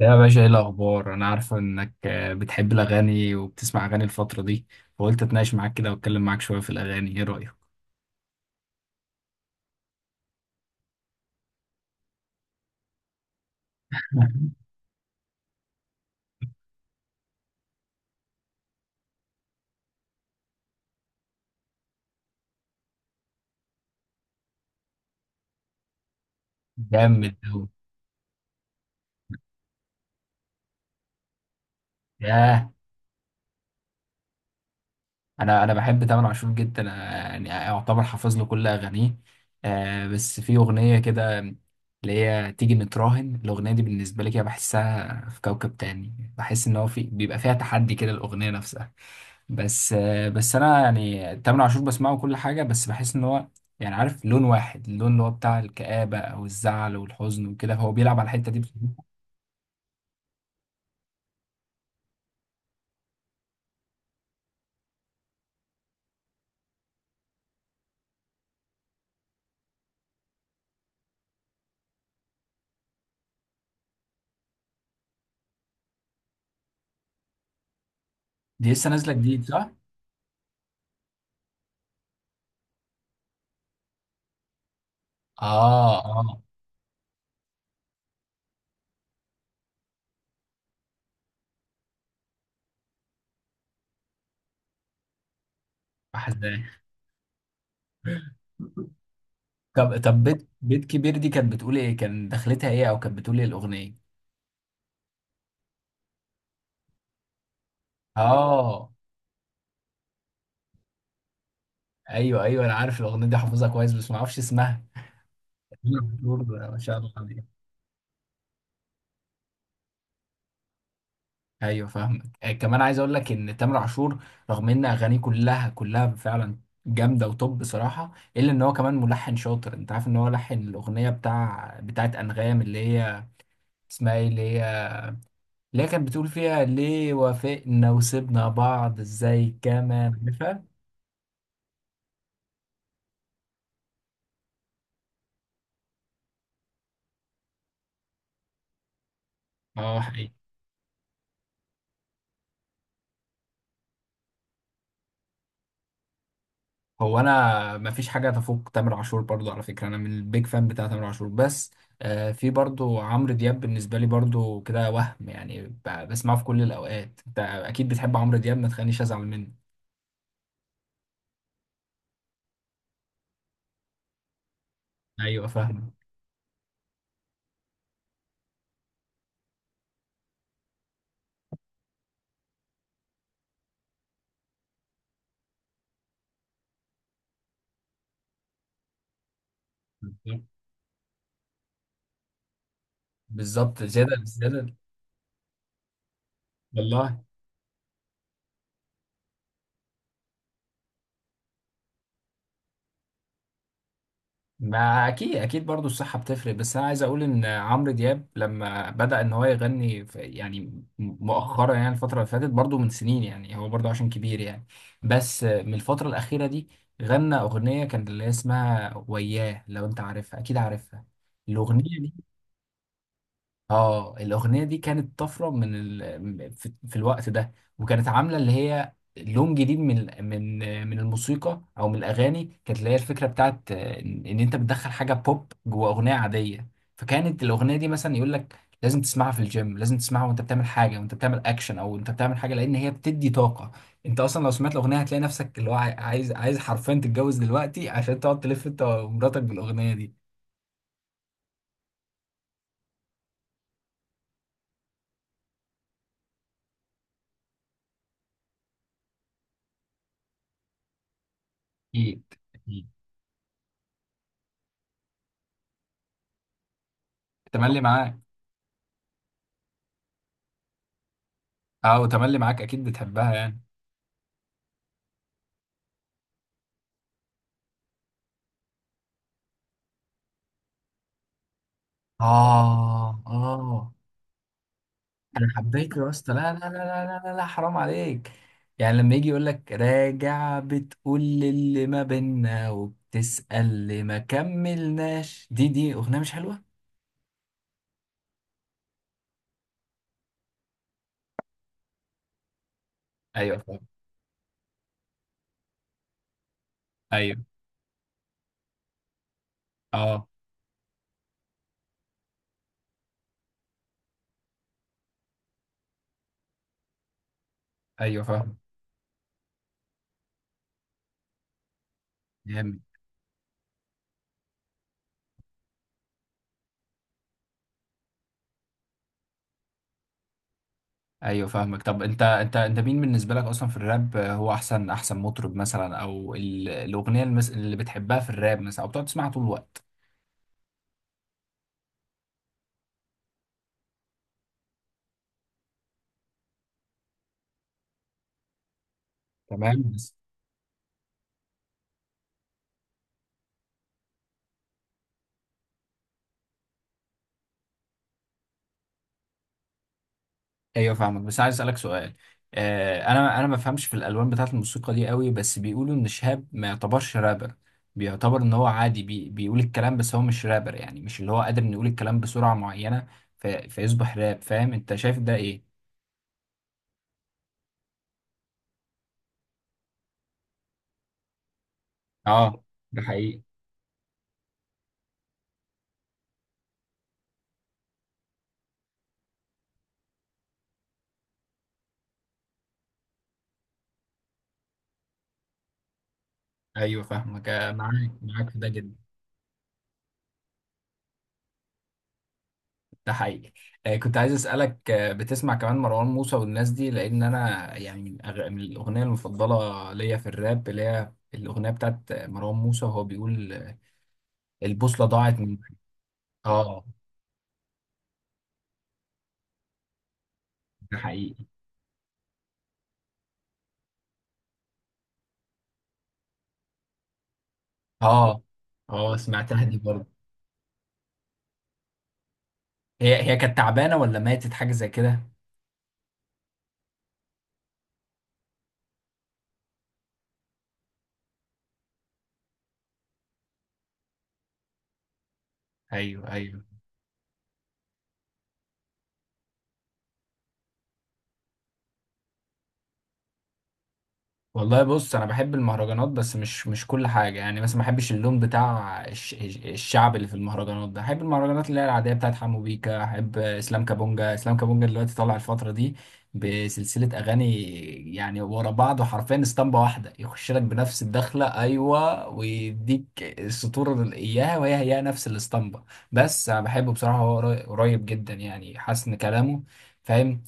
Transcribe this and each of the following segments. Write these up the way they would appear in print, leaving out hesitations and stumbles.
يا باشا، ايه الاخبار؟ انا عارفه انك بتحب الاغاني وبتسمع اغاني الفتره دي، فقلت اتناقش معاك كده واتكلم معاك شويه في الاغاني. ايه رايك؟ جامد أوي. ياه، انا بحب تامر عاشور جدا. أنا يعني اعتبر حافظ له كل اغانيه. بس في اغنيه كده اللي هي تيجي نتراهن، الاغنيه دي بالنسبه لي كده بحسها في كوكب تاني، بحس ان هو في بيبقى فيها تحدي كده الاغنيه نفسها. بس انا يعني تامر عاشور بسمعه كل حاجه، بس بحس ان هو يعني عارف لون واحد، اللون اللي هو بتاع الكآبة او الزعل والحزن، وكده هو بيلعب على الحته دي. دي لسه نازله جديد صح؟ اه اه. بحس ده. طب بيت كبير دي كانت بتقول ايه؟ كان دخلتها ايه، او كانت بتقول ايه الاغنيه؟ اه، ايوه ايوه، انا عارف الاغنيه دي، حافظها كويس بس ما اعرفش اسمها. تامر عاشور، ما شاء الله عليه. ايوه فاهمك. كمان عايز اقول لك ان تامر عاشور، رغم ان اغانيه كلها كلها فعلا جامده، وطب بصراحه الا ان هو كمان ملحن شاطر. انت عارف ان هو لحن الاغنيه بتاعت انغام، اللي هي اسمها ايه، اللي هي كانت بتقول فيها ليه وافقنا وسيبنا بعض ازاي، كمان عارفها. اه، انا مفيش حاجه تفوق تامر عاشور برضو. على فكره انا من البيج فان بتاع تامر عاشور. بس في برضو عمرو دياب بالنسبه لي برضو كده، وهم يعني بسمعه في كل الاوقات. انت اكيد بتحب عمرو دياب، ما تخلينيش ازعل منه. ايوه فاهم. بالظبط، زياده زياده. والله؟ ما اكيد اكيد، برضو الصحه بتفرق. بس انا عايز اقول ان عمرو دياب لما بدا ان هو يغني يعني مؤخرا، يعني الفتره اللي فاتت برضو من سنين، يعني هو برضو عشان كبير يعني. بس من الفتره الاخيره دي غنى اغنيه كان اللي هي اسمها وياه، لو انت عارفها اكيد عارفها الاغنيه. اه، الاغنيه دي كانت طفره في الوقت ده، وكانت عامله اللي هي لون جديد من الموسيقى او من الاغاني. كانت اللي هي الفكره بتاعت ان إن انت بتدخل حاجه بوب جوه اغنيه عاديه. فكانت الاغنيه دي مثلا يقول لك لازم تسمعها في الجيم، لازم تسمعها وانت بتعمل حاجه، وانت بتعمل اكشن او انت بتعمل حاجه، لان هي بتدي طاقه. انت اصلا لو سمعت الاغنيه هتلاقي نفسك اللي هو عايز عايز حرفيا تتجوز دلوقتي عشان تقعد تلف انت ومراتك بالاغنيه دي. اكيد اكيد. تملي معاك. اه، وتملي معاك اكيد بتحبها يعني. آه آه. أنا حبيته يا اسطى، لا لا لا لا لا, لا حرام عليك. يعني لما يجي يقول لك راجع، بتقول اللي ما بينا، وبتسأل اللي ما كملناش، دي أغنية مش حلوة؟ ايوه فاهم. ايوه. اه ايوه فاهم. جامد. ايوه فاهمك. طب انت انت مين بالنسبه لك اصلا في الراب؟ هو احسن احسن مطرب مثلا، او الاغنيه اللي بتحبها في الراب مثلا، او بتقعد تسمعها طول الوقت؟ تمام. ايوه فاهمك، بس عايز اسالك سؤال. انا ما بفهمش في الالوان بتاعه الموسيقى دي قوي، بس بيقولوا ان شهاب ما يعتبرش رابر، بيعتبر ان هو عادي بيقول الكلام، بس هو مش رابر، يعني مش اللي هو قادر انه يقول الكلام بسرعه معينه فيصبح راب. فاهم؟ انت شايف ده ايه؟ اه، ده حقيقي. ايوه فاهمك. معاك معاك في ده جدا. ده حقيقي. كنت عايز اسالك، بتسمع كمان مروان موسى والناس دي؟ لان انا يعني من الاغنيه المفضله ليا في الراب، اللي هي الاغنيه بتاعت مروان موسى، وهو بيقول البوصلة ضاعت من. اه، ده حقيقي. اه اه، سمعتها دي برضه. هي كانت تعبانة ولا ماتت حاجة زي كده؟ ايوه ايوه. والله بص، انا بحب المهرجانات، بس مش كل حاجه. يعني مثلا ما بحبش اللون بتاع الشعب اللي في المهرجانات ده. بحب المهرجانات اللي هي العاديه بتاعت حمو بيكا. احب اسلام كابونجا. اسلام كابونجا دلوقتي طالع الفتره دي بسلسله اغاني، يعني ورا بعض، وحرفيا اسطمبه واحده، يخش لك بنفس الدخله، ايوه، ويديك السطور اللي اياها، وهي نفس الاسطمبه. بس انا بحبه بصراحه، هو قريب جدا، يعني حاسس ان كلامه، فاهم،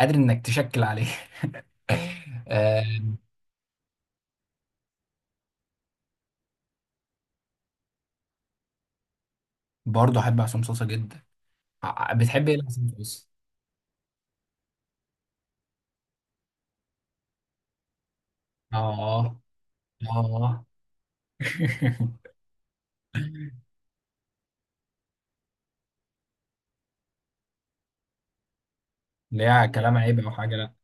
قادر انك تشكل عليه. برضه احب عصام صاصا جدا. بتحب ايه لعصام صاصا؟ اه اه. ليه، كلام عيب او حاجه؟ لا.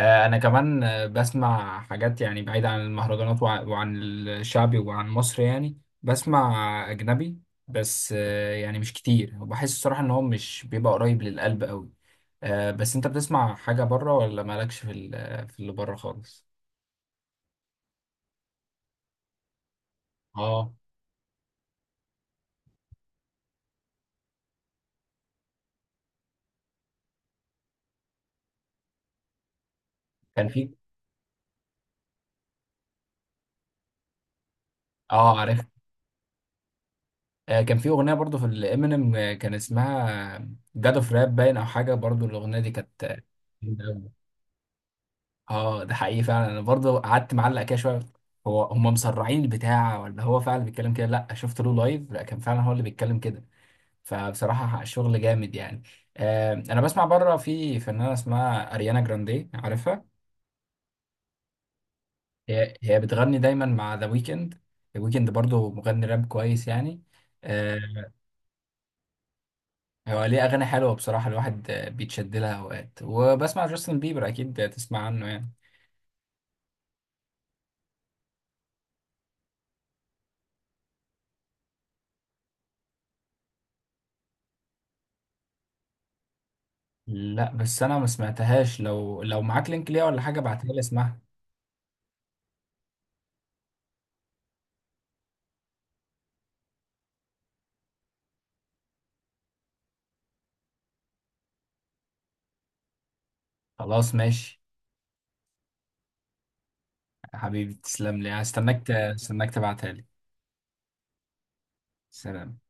انا كمان بسمع حاجات، يعني بعيدة عن المهرجانات وعن الشعبي وعن مصر. يعني بسمع اجنبي، بس يعني مش كتير، وبحس الصراحه ان هو مش بيبقى قريب للقلب قوي. بس انت بتسمع حاجه بره، ولا مالكش في اللي بره خالص؟ اه، كان في، اه، عارف. كان في اغنيه برضو في الامينيم، كان اسمها جاد اوف راب باين او حاجه. برضو الاغنيه دي كانت جامدة أوي. اه ده حقيقي فعلا، انا برضو قعدت معلق كده شويه، هو هم مسرعين البتاع ولا هو فعلا بيتكلم كده؟ لا، شفت له لايف، لا كان فعلا هو اللي بيتكلم كده. فبصراحه شغل جامد يعني. انا بسمع بره في فنانه اسمها اريانا جراندي، عارفها؟ هي بتغني دايما مع ذا ويكند. ذا ويكند برضو مغني راب كويس يعني. آه، هو ليه أغاني حلوة بصراحة، الواحد بيتشد لها أوقات. وبسمع جاستن بيبر، أكيد تسمع عنه يعني. لا بس أنا ما سمعتهاش، لو معاك لينك ليها ولا حاجة، ابعتها لي اسمعها. خلاص ماشي. يا حبيبي تسلم لي، هستناك هستناك تبعتها لي. سلام.